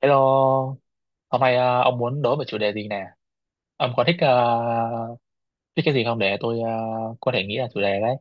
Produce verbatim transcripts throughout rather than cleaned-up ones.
Hello, hôm nay ờ, ông muốn đối một chủ đề gì nè? Ông có thích uh, thích cái gì không để tôi ờ, có thể nghĩ là chủ đề đấy?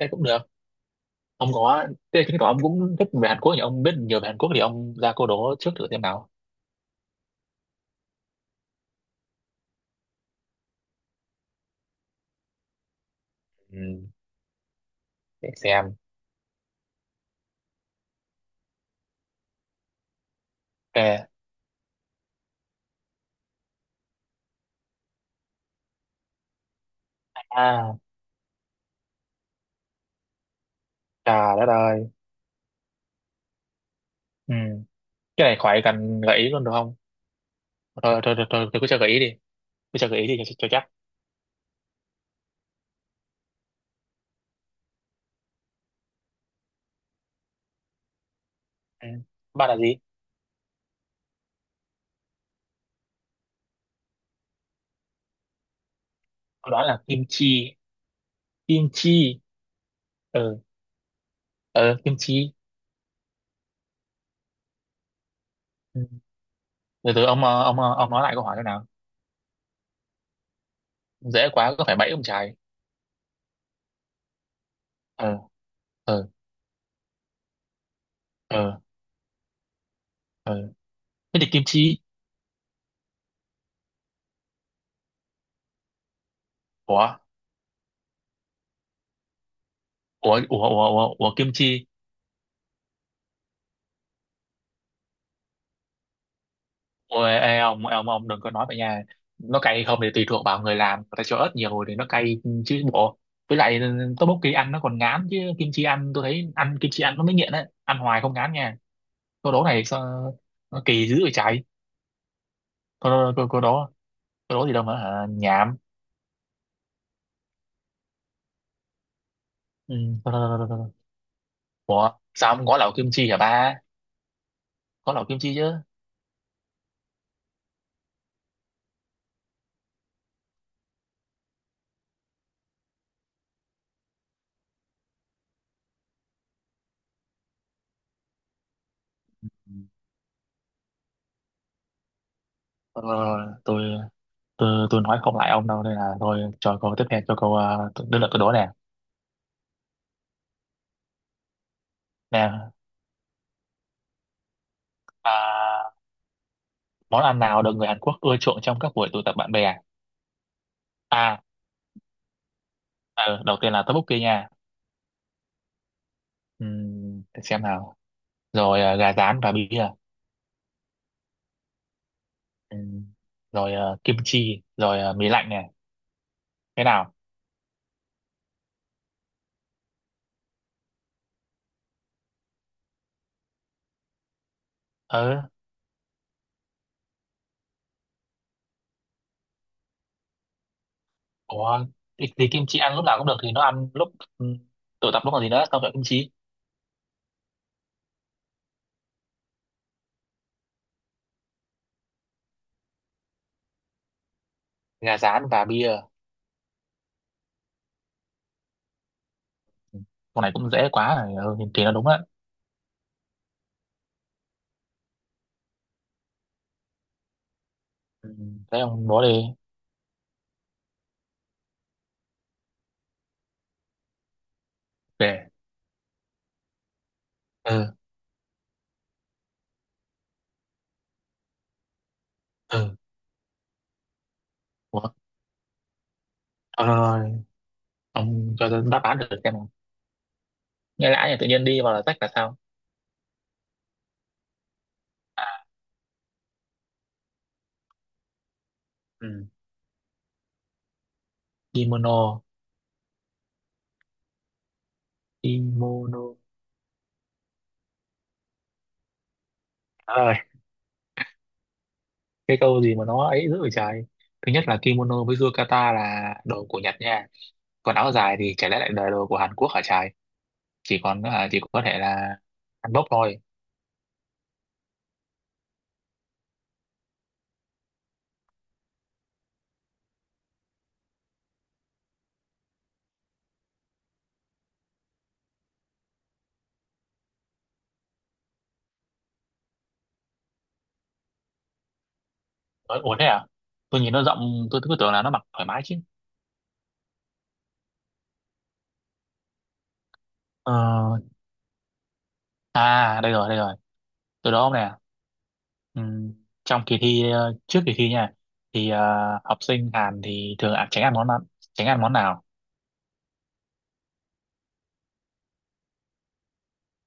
Thế cũng được. Ông có, Thế chứng tỏ ông cũng thích về Hàn Quốc nhỉ? Ông biết nhiều về Hàn Quốc thì ông ra câu đố trước thử xem nào. Ừ, để xem. Ok. À, trời đất ơi. Ừ. Cái này khỏi cần gợi ý luôn được không? Thôi, thôi, thôi, thôi, tôi cứ cho gợi ý đi. Tôi cho gợi ý đi cho, cho chắc. Ừ. Bạn là gì? Đó là kim chi. Kim chi. Ừ, ừ, kim chi. Ừ. Từ từ, ông ờ, ông ờ, ông nói lại câu hỏi thế nào, dễ quá có phải bẫy ông trời. Ờ. Ờ. Ờ. Ờ. Thế thì kim chi. Ủa, ủa, ủa, ủa, ủa, ủa kim chi. Ủa, ê, ông ông ông đừng có nói vậy nha. Nó cay không thì tùy thuộc vào người làm, người ta cho ớt nhiều thì nó cay chứ bộ. Với lại tteokbokki ăn nó còn ngán, chứ kim chi ăn tôi thấy, ăn kim chi ăn nó mới nghiện đấy, ăn hoài không ngán nha. Câu đố này sao nó kỳ dữ vậy trời. Câu câu, câu đố, câu đố gì đâu mà hả? Nhảm. Ừ. Thôi, thôi, thôi, thôi, thôi. Ủa sao ông gói lẩu kim chi hả ba, có nấu kim chi chứ. Ừ. Ờ, tôi tôi tôi nói không lại ông đâu, nên là thôi cho câu tiếp theo, cho câu ờ, đứa lượt tôi đố nè. Nè, à, món ăn nào được người Hàn Quốc ưa chuộng trong các buổi tụ tập bạn bè? À, ờ, đầu tiên là tteokbokki nha. Ừm, để xem nào, rồi ờ, gà rán và bia. Ừm, Rồi ờ, kim chi, rồi ờ, mì lạnh nè. Thế nào? Ờ. Ủa, thì, thì kim chi ăn lúc nào cũng được, thì nó ăn lúc, ừm, tụ tập lúc còn gì nữa, xong rồi kim chi, gà rán và bia. Ừm, con này cũng dễ quá rồi, ừ, thì thì nó đúng á. Ừ, thế ông đố đi. Để. Ừ. Ừ. Ủa thôi, thôi, thôi. Ông cho tôi đáp án được xem nào, nghe lã này tự nhiên đi vào là rách là sao. À, ừ. Kimono. Kimono rồi. Cái câu gì mà nó ấy dữ vậy trời. Thứ nhất là kimono với yukata là đồ của Nhật nha, còn áo dài thì chả lẽ lại là đồ của Hàn Quốc hả trời. Chỉ còn à, chỉ có thể là Hàn Quốc thôi. Ờ, ủa thế à, tôi nhìn nó rộng tôi cứ tưởng là nó mặc thoải mái chứ. Ờ. À đây rồi đây rồi, tôi đố ông nè. Ừ. Trong kỳ thi ờ, Trước kỳ thi nha, thì ờ, học sinh Hàn thì thường ăn, tránh ăn món nào, tránh ăn món nào?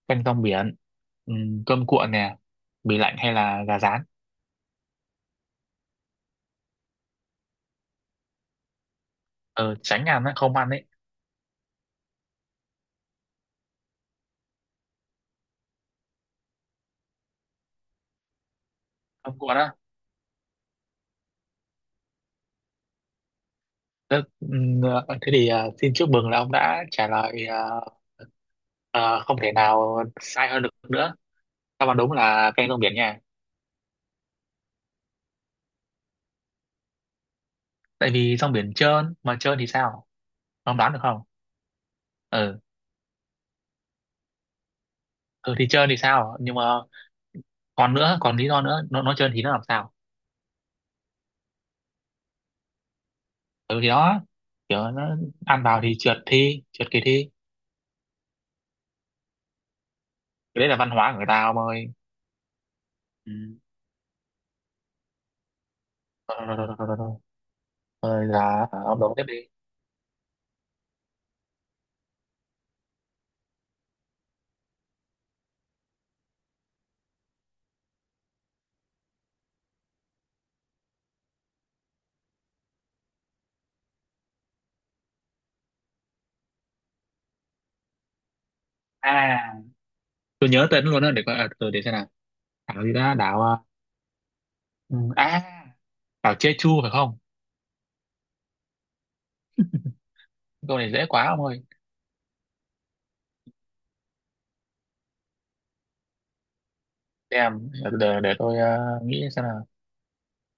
Canh rong biển, ừ, cơm cuộn nè, bì lạnh hay là gà rán. Ờ, tránh ăn á, không ăn ấy. Cơm cuộn á. Thế, ừ, thế thì ờ, xin chúc mừng là ông đã trả lời ờ, ờ, không thể nào sai hơn được nữa. Đáp án đúng là canh rong biển nha, tại vì rong biển trơn mà, trơn thì sao, ông đoán được không? Ừ, ừ thì trơn thì sao, nhưng mà còn nữa, còn lý do nữa, nó nó trơn thì nó làm sao, ừ thì đó, kiểu nó ăn vào thì trượt, thi trượt kỳ thi. Cái đấy là văn hóa của người ta ông ơi. Ừ. Rồi rồi rồi rồi rồi rồi. Rồi là, à, ông đổ tiếp đi. À tôi nhớ tên luôn đó, để coi, à, từ để xem nào, đảo gì đó, đảo à, ừ, à, đảo Jeju phải không? Câu này dễ quá ông ơi. Xem để để, tôi à, nghĩ xem nào,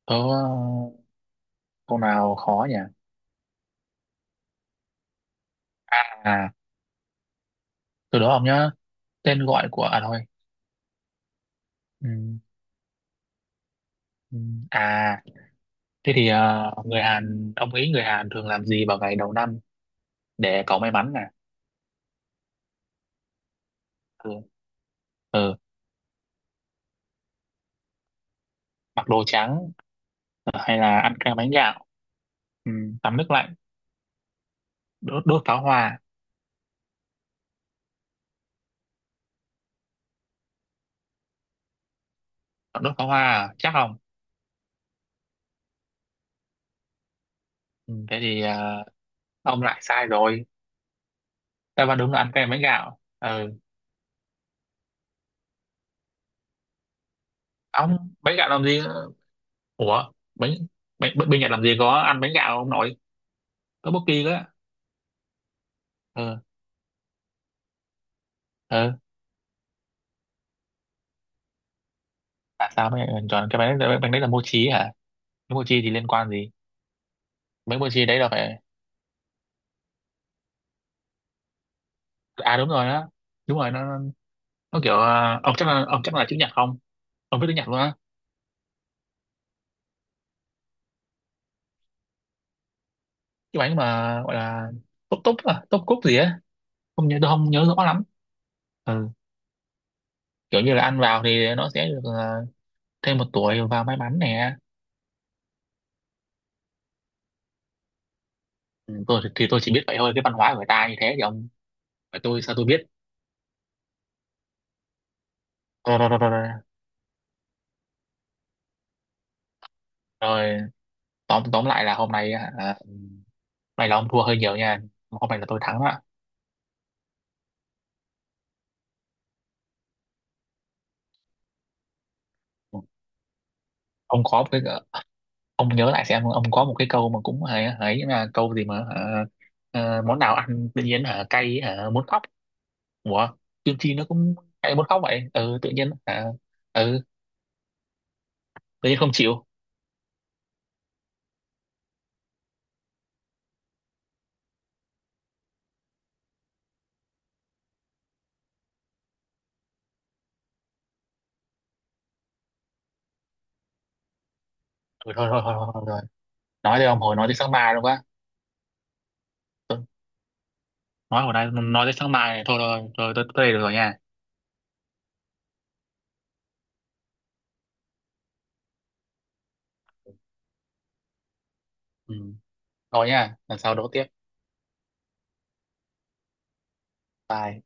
có câu nào khó nhỉ. À. À, từ đó ông nhớ tên gọi của, à thôi. Ừ, ừ. À, thế thì à, người Hàn, ông nghĩ người Hàn thường làm gì vào ngày đầu năm để có may mắn nè? Ừ. Ừ. Mặc đồ trắng, ờ, hay là ăn kem bánh gạo, ừ, tắm nước lạnh, đốt, đốt pháo hoa. Còn đốt pháo hoa à? Chắc không. Ừ. Thế thì ờ, ông lại sai rồi. Đáp án đúng là ăn kem bánh gạo. Ừ. Ông bánh gạo làm gì. Ủa bánh, bánh bánh bánh Nhật làm gì có ăn bánh gạo ông nội, có bất kỳ đó. Ừ. Ừ. À sao mày chọn cái bánh đấy, bánh đấy là mochi hả, cái mochi thì liên quan gì? Bánh mochi đấy là phải. À đúng rồi đó, đúng rồi nó nó, nó, kiểu ờ, ông chắc là ông chắc là chữ nhật không, ông biết tiếng Nhật luôn á. Cái bánh mà gọi là túp túp, à, túp cúc gì á, không nhớ tôi không nhớ rõ lắm. Ừ. Kiểu như là ăn vào thì nó sẽ được, ờ, thêm một tuổi và may mắn nè. Ừ, tôi thì, thì, tôi chỉ biết vậy thôi, cái văn hóa của người ta như thế thì ông, và tôi sao tôi biết. Rồi, rồi, rồi, rồi. Rồi. Rồi, tóm tóm lại là hôm nay à, à, hôm nay là ông thua hơi nhiều nha, hôm nay là tôi thắng đó. Ừ. ông có một cái ông nhớ lại xem, ông có một cái câu mà cũng ấy ấy, là câu gì mà hả? Ờ, món nào ăn tự nhiên hả cay hả muốn khóc? Ủa, kim chi nó cũng chạy muốn khóc vậy. Ừ, tự nhiên à, ừ, tự nhiên không chịu. Ừ, thôi thôi thôi thôi, thôi, rồi. Nói đây ông hồi nói tới sáng mai luôn quá. Tôi, nói hồi nay nói tới sáng mai này thôi, rồi, rồi tôi tới đây được rồi nha. Ừ, thôi nha, lần sau đấu tiếp. Bye.